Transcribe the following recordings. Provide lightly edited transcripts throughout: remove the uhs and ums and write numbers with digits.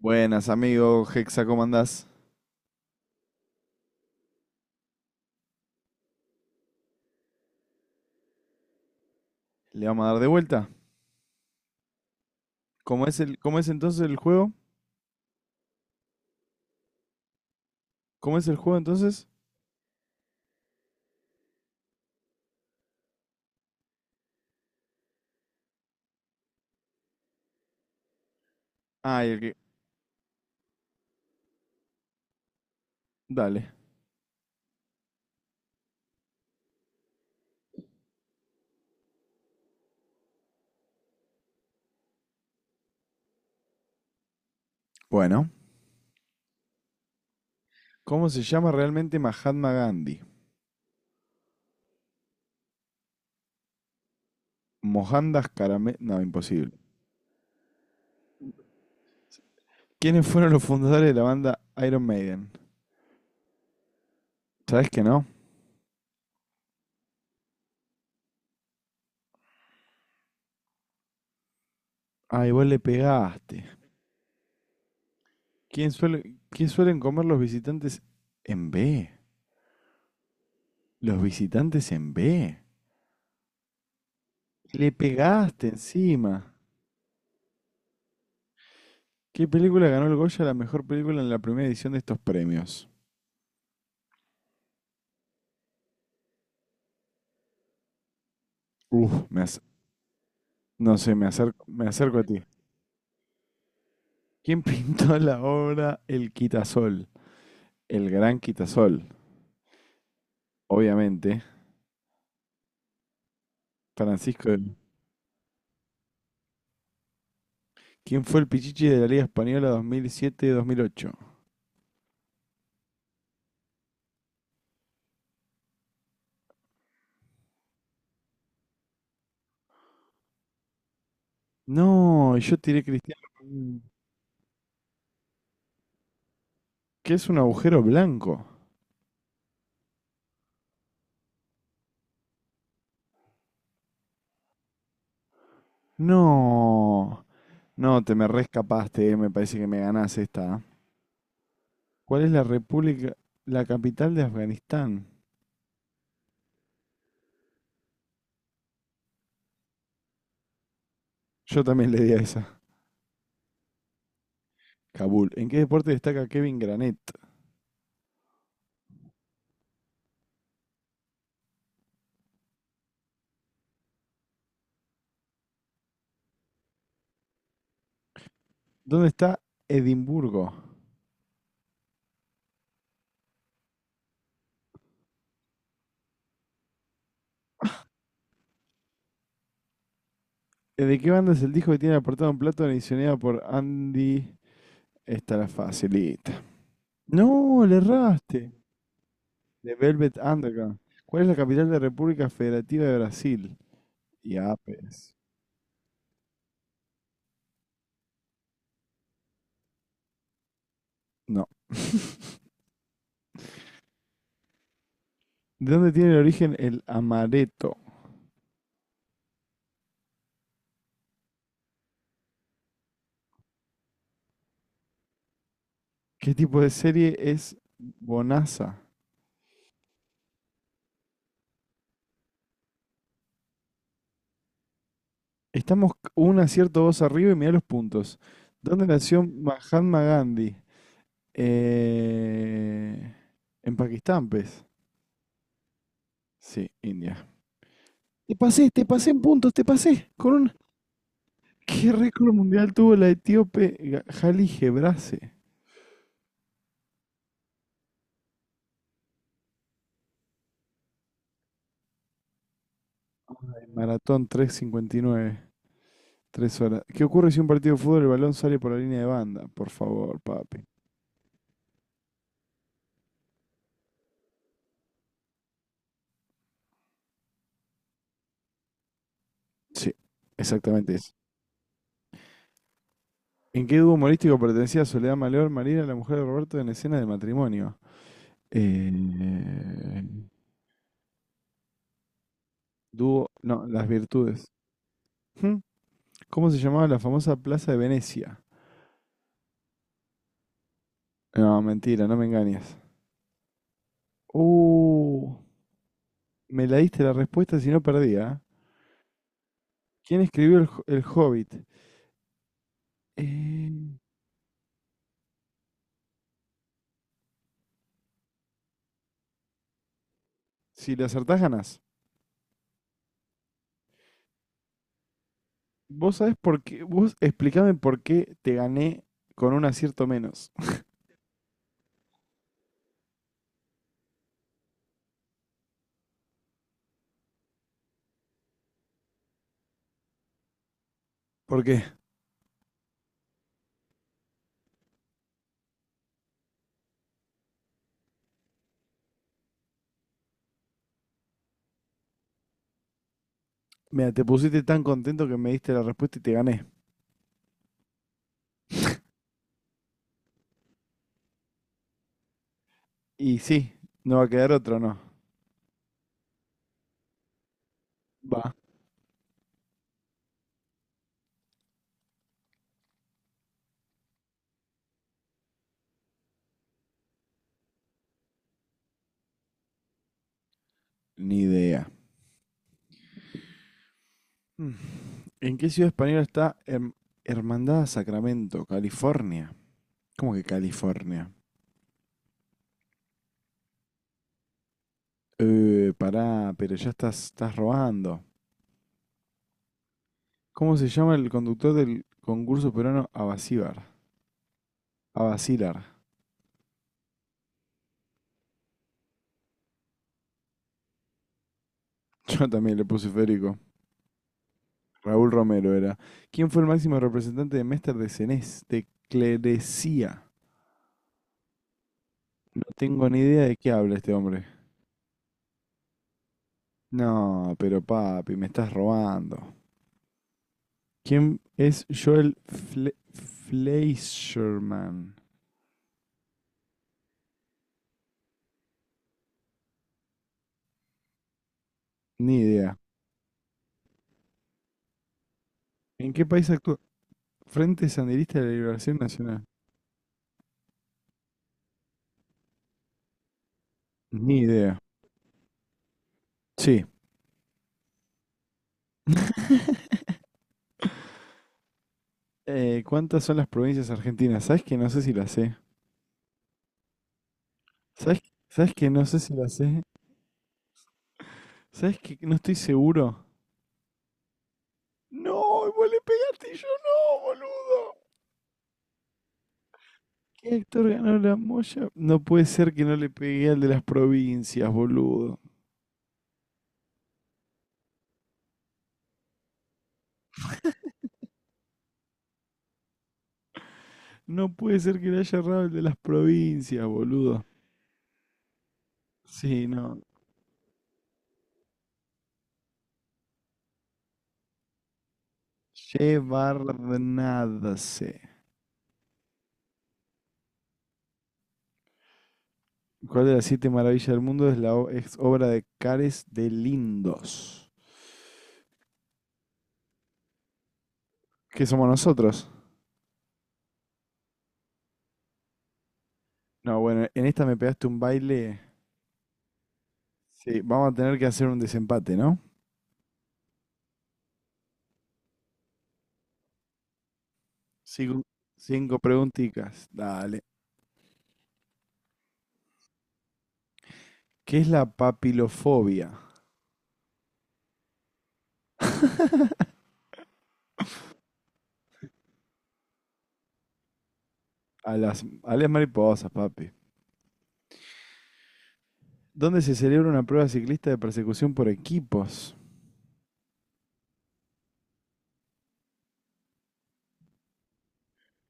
Buenas, amigo Hexa, ¿cómo andás? Le vamos a dar de vuelta. ¿Cómo es cómo es entonces el juego? ¿Cómo es el juego entonces? Ah, el que. Dale. Bueno. ¿Cómo se llama realmente Mahatma Gandhi? Mohandas Karame... No, imposible. ¿Quiénes fueron los fundadores de la banda Iron Maiden? ¿Sabes que no? Ah, igual le pegaste. ¿Quién Qué suelen comer los visitantes en B? Los visitantes en B. Le pegaste encima. ¿Qué película ganó el Goya a la mejor película en la primera edición de estos premios? Uf, me ac- no sé, Me acerco, me acerco a ti. ¿Quién pintó la obra El Quitasol? El Gran Quitasol, obviamente. Francisco del... ¿Quién fue el Pichichi de la Liga Española 2007-2008? No, yo tiré Cristiano. Ronaldo. ¿Qué es un agujero blanco? No, no, Te me rescapaste. Me parece que me ganás esta. ¿Eh? ¿Cuál es la capital de Afganistán? Yo también le di a esa. Kabul. ¿En qué deporte destaca Kevin Granet? ¿Dónde está Edimburgo? ¿De qué banda es el disco que tiene apartado un plato adicionado por Andy? Esta la facilita. No, le erraste. De Velvet Underground. ¿Cuál es la capital de República Federativa de Brasil? Y Apes. No. ¿De dónde tiene el origen el amaretto? ¿Qué tipo de serie es Bonanza? Estamos un acierto dos arriba y mirá los puntos. ¿Dónde nació Mahatma Gandhi? Eh, en Pakistán, pues. Sí, India. Te pasé en puntos, te pasé. Con un... ¿Qué récord mundial tuvo la etíope Ga- Hailey Gebrase? En Maratón tres cincuenta y nueve, tres horas. ¿Qué ocurre si un partido de fútbol el balón sale por la línea de banda? Por favor, papi. Sí, exactamente eso. ¿En qué dúo humorístico pertenecía Soledad Maleor, Marina, la mujer de Roberto, en escena de matrimonio? Eh, no, las virtudes. ¿Cómo se llamaba la famosa Plaza de Venecia? No, mentira, no me engañes. Uh, me la diste la respuesta si no perdía. ¿Quién escribió el Hobbit? Eh, si le acertás, ganás. Vos sabés por qué. Vos explícame por qué te gané con un acierto menos. ¿Por qué? Mira, te pusiste tan contento que me diste la respuesta y te gané. Y sí, no va a quedar otro, ¿no? Va. Ni idea. Mm. ¿En qué ciudad española está Hermandad Sacramento, California? ¿Cómo que California? Pará, pero ya estás robando. ¿Cómo se llama el conductor del concurso peruano Abasíbar? Abasilar. Yo también le puse Federico. Raúl Romero era. ¿Quién fue el máximo representante de Mester de Cenés? De Clerecía. No tengo ni idea de qué habla este hombre. No, pero papi, me estás robando. ¿Quién es Joel Fle Fleischerman? Ni idea. ¿En qué país actúa? Frente Sandinista de la Liberación Nacional. Ni idea. Sí. ¿Cuántas son las provincias argentinas? ¿Sabes que no sé si las sé? ¿Sabes, ¿Sabes que no sé si las sé? ¿Sabes que no estoy seguro? No, vos le pegaste y yo no, boludo. ¿Qué actor ganó la Moya? No puede ser que no le pegué al de las provincias, boludo. No puede ser que le haya errado el de las provincias, boludo. Sí, no. Llevar nada sé. ¿Cuál de las siete maravillas del mundo es es obra de Cares de Lindos? ¿Qué somos nosotros? No, bueno, en esta me pegaste un baile. Sí, vamos a tener que hacer un desempate, ¿no? Cinco, Cinco preguntitas. Dale. ¿Qué es la papilofobia? A las mariposas, papi. ¿Dónde se celebra una prueba ciclista de persecución por equipos?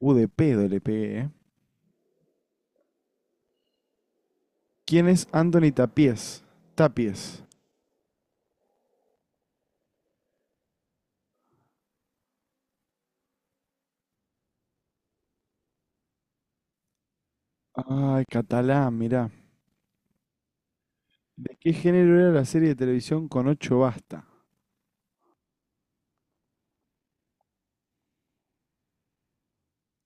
De pedo le pegué, ¿eh? ¿Quién es Anthony Tapies? Tapies. Ay, catalán, mirá. ¿De qué género era la serie de televisión con ocho basta?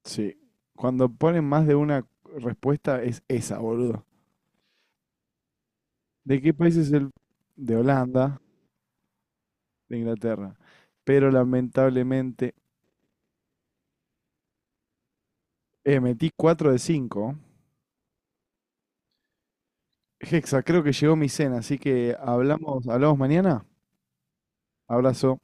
Sí. Cuando ponen más de una respuesta es esa, boludo. ¿De qué país es el...? De Holanda, de Inglaterra. Pero lamentablemente... Metí 4 de 5. Hexa, creo que llegó mi cena, así que hablamos, hablamos mañana. Abrazo.